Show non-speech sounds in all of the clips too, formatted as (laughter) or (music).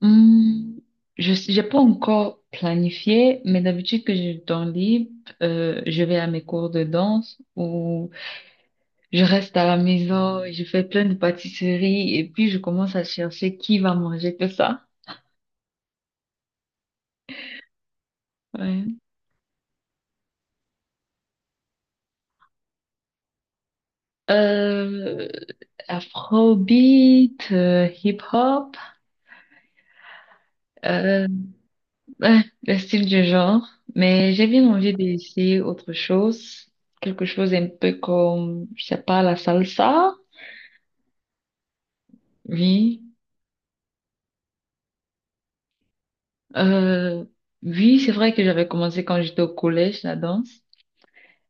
Hmm. Je n'ai pas encore planifié, mais d'habitude que j'ai du temps libre, je vais à mes cours de danse ou je reste à la maison, je fais plein de pâtisseries et puis je commence à chercher qui va manger tout ça. Ouais. Euh, afrobeat, hip-hop, euh, ouais, le style du genre. Mais j'ai bien envie d'essayer autre chose, quelque chose un peu comme, je sais pas, la salsa. Oui. Euh, oui, c'est vrai que j'avais commencé quand j'étais au collège, la danse.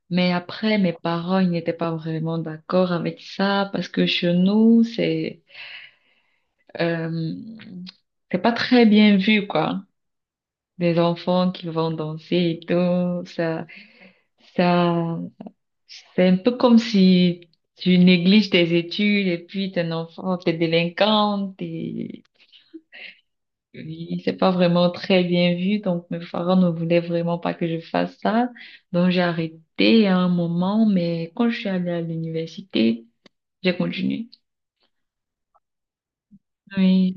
Mais après, mes parents, ils n'étaient pas vraiment d'accord avec ça parce que chez nous, euh, c'est pas très bien vu, quoi. Des enfants qui vont danser et tout, ça, c'est un peu comme si tu négliges tes études et puis t'es un enfant, t'es délinquante. Oui, c'est pas vraiment très bien vu, donc mes parents ne voulaient vraiment pas que je fasse ça. Donc j'ai arrêté à un moment, mais quand je suis allée à l'université, j'ai continué. Oui,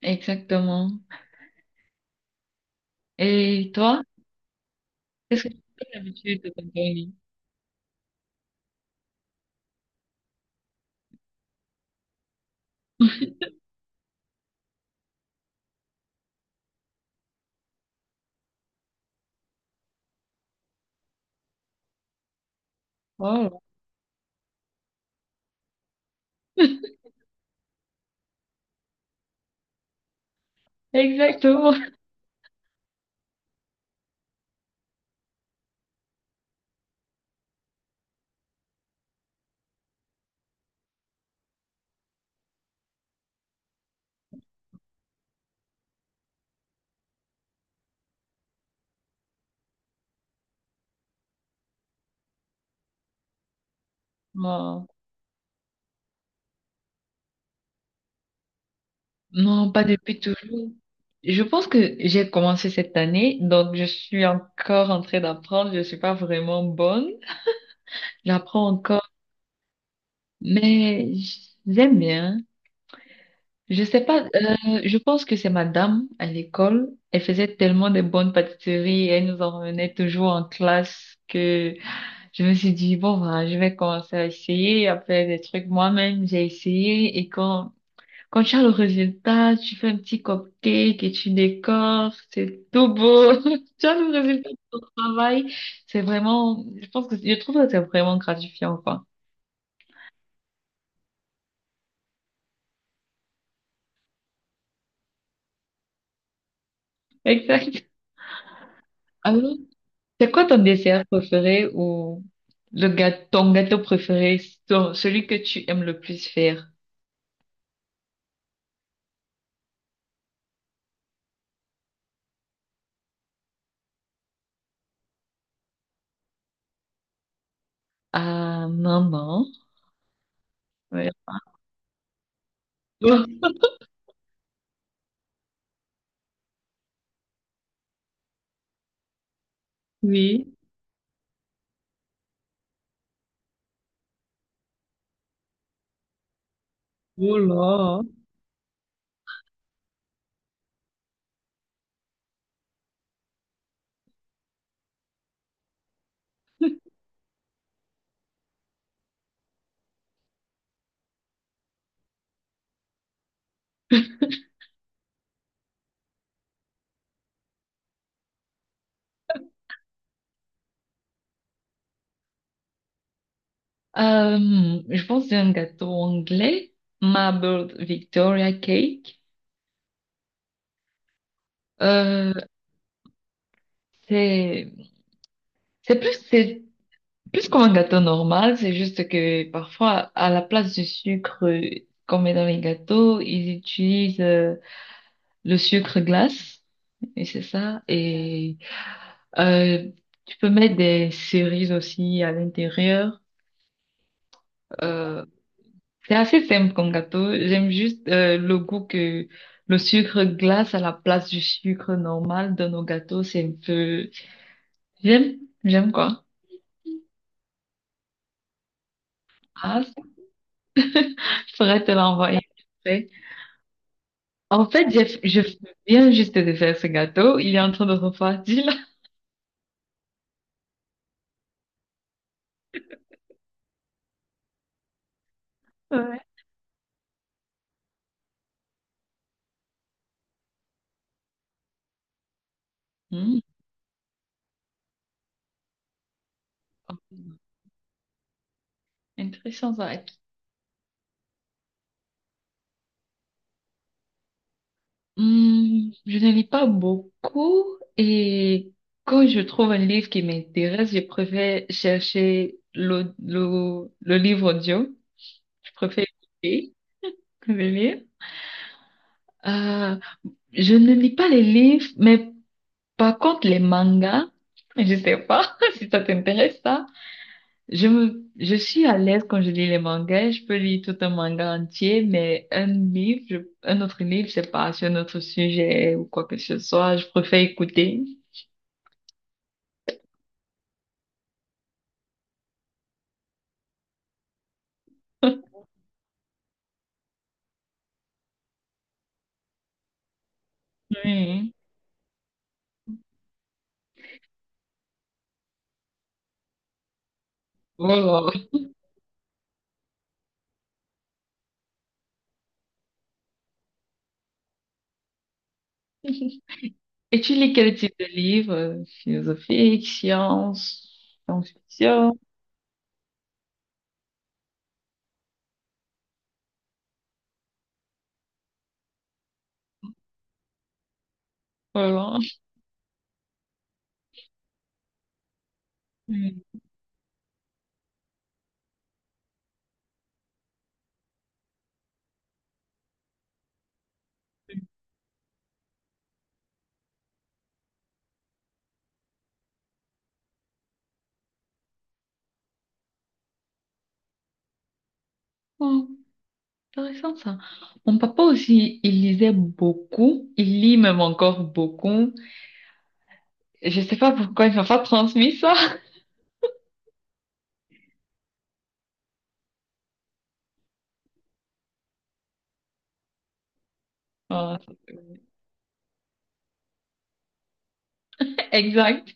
exactement. Et toi, qu'est-ce que tu as l'habitude de ton pays? Oh, (laughs) exactement. Non, non, pas depuis toujours. Je pense que j'ai commencé cette année, donc je suis encore en train d'apprendre. Je suis pas vraiment bonne. J'apprends encore, mais j'aime bien. Je sais pas, je pense que c'est madame à l'école. Elle faisait tellement de bonnes pâtisseries et elle nous en revenait toujours en classe que je me suis dit, bon, voilà, je vais commencer à essayer, à faire des trucs moi-même. J'ai essayé et quand tu as le résultat, tu fais un petit cupcake et tu décores, c'est tout beau. (laughs) Tu as le résultat de ton travail. C'est vraiment, je pense que, je trouve que c'est vraiment gratifiant, quoi. Exact. Alors, c'est quoi ton dessert préféré ou le gâteau, ton gâteau préféré, celui que tu aimes le plus faire? Ah, maman. Ouais. Oh, oui. Oh là. Je pense que c'est un gâteau anglais, Marbled Victoria Cake. Euh, c'est, c'est plus comme un gâteau normal, c'est juste que parfois, à la place du sucre qu'on met dans les gâteaux, ils utilisent le sucre glace. Et c'est ça. Et euh, tu peux mettre des cerises aussi à l'intérieur. Euh, c'est assez simple comme gâteau. J'aime juste le goût que le sucre glace à la place du sucre normal dans nos gâteaux. C'est un peu... J'aime, j'aime quoi. Ah, je pourrais te l'envoyer après. En fait, je viens juste de faire ce gâteau. Il est en train de refroidir là. Ouais. Hmm. Intéressant ça. Hmm. Je ne lis pas beaucoup et quand je trouve un livre qui m'intéresse, je préfère chercher le livre audio. Je préfère écouter que de lire. Euh, je ne lis pas les livres, mais par contre les mangas, (laughs) je sais pas (laughs) si ça t'intéresse ça. Je suis à l'aise quand je lis les mangas. Je peux lire tout un manga entier, mais un livre, un autre livre, c'est pas sur un autre sujet ou quoi que ce soit. Je préfère écouter. Oui. Oh. Et tu lis quel type de livre? Philosophique, science, science-fiction? Voilà. Oui. Oh, intéressant ça. Mon papa aussi, il lisait beaucoup. Il lit même encore beaucoup. Je sais pas pourquoi il m'a pas transmis ça. (laughs) Voilà. Exact.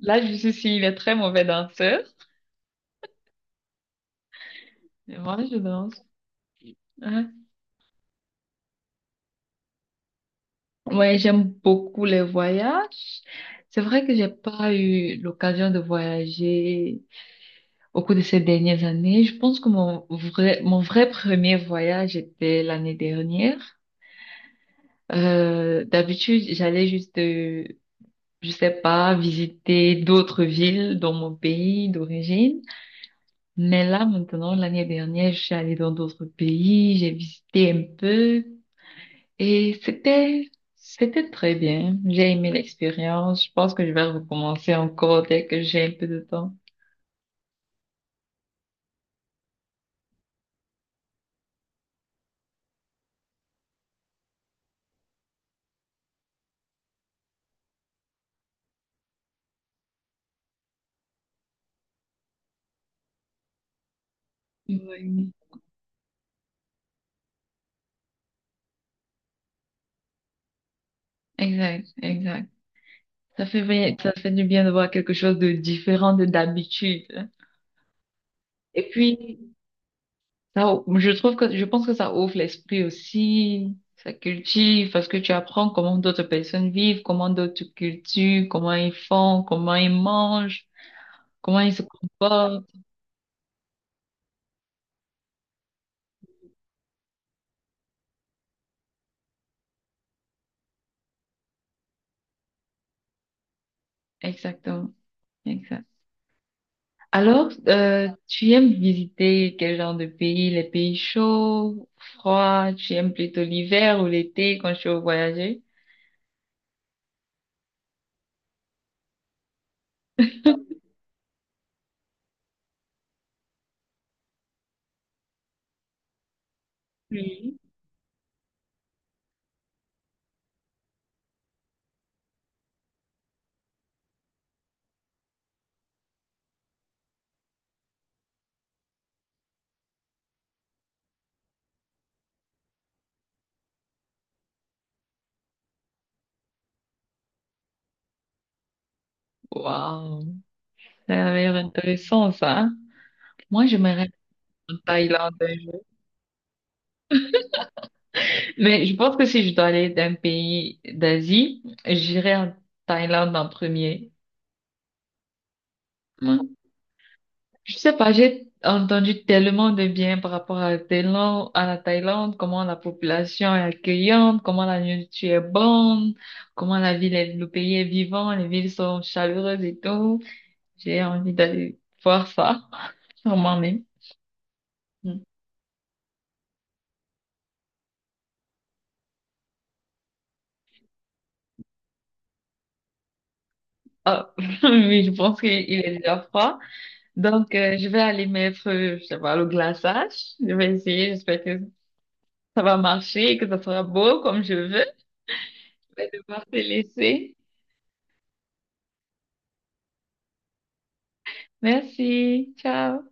Là, je suis s'il est très mauvais danseur. Mais moi, je danse. Ouais, ouais, j'aime beaucoup les voyages. C'est vrai que j'ai pas eu l'occasion de voyager au cours de ces dernières années. Je pense que mon vrai premier voyage était l'année dernière. D'habitude, j'allais juste, je sais pas, visiter d'autres villes dans mon pays d'origine. Mais là, maintenant, l'année dernière, je suis allée dans d'autres pays, j'ai visité un peu et c'était très bien. J'ai aimé l'expérience. Je pense que je vais recommencer encore dès que j'ai un peu de temps. Oui, exact, exact. Ça fait du bien de voir quelque chose de différent de d'habitude. Et puis, je trouve que, je pense que ça ouvre l'esprit aussi, ça cultive, parce que tu apprends comment d'autres personnes vivent, comment d'autres cultures, comment ils font, comment ils mangent, comment ils se comportent. Exactement, exact. Alors, tu aimes visiter quel genre de pays? Les pays chauds, froids? Tu aimes plutôt l'hiver ou l'été quand tu veux voyager? Oui. Waouh. Ça a l'air intéressant, ça, hein. Moi, je me rêve en Thaïlande un jour. Mais je pense que si je dois aller d'un pays d'Asie, j'irai en Thaïlande en premier. Ouais. Je sais pas, j'ai entendu tellement de bien par rapport à la Thaïlande, comment la population est accueillante, comment la nourriture est bonne, comment le pays est vivant, les villes sont chaleureuses et tout. J'ai envie d'aller voir ça, sûrement même. Hmm. Ah, (laughs) oui, je pense qu'il est déjà froid. Donc, je vais aller mettre, je sais pas, le glaçage. Je vais essayer. J'espère que ça va marcher et que ça sera beau comme je veux. Je vais devoir te laisser. Merci. Ciao.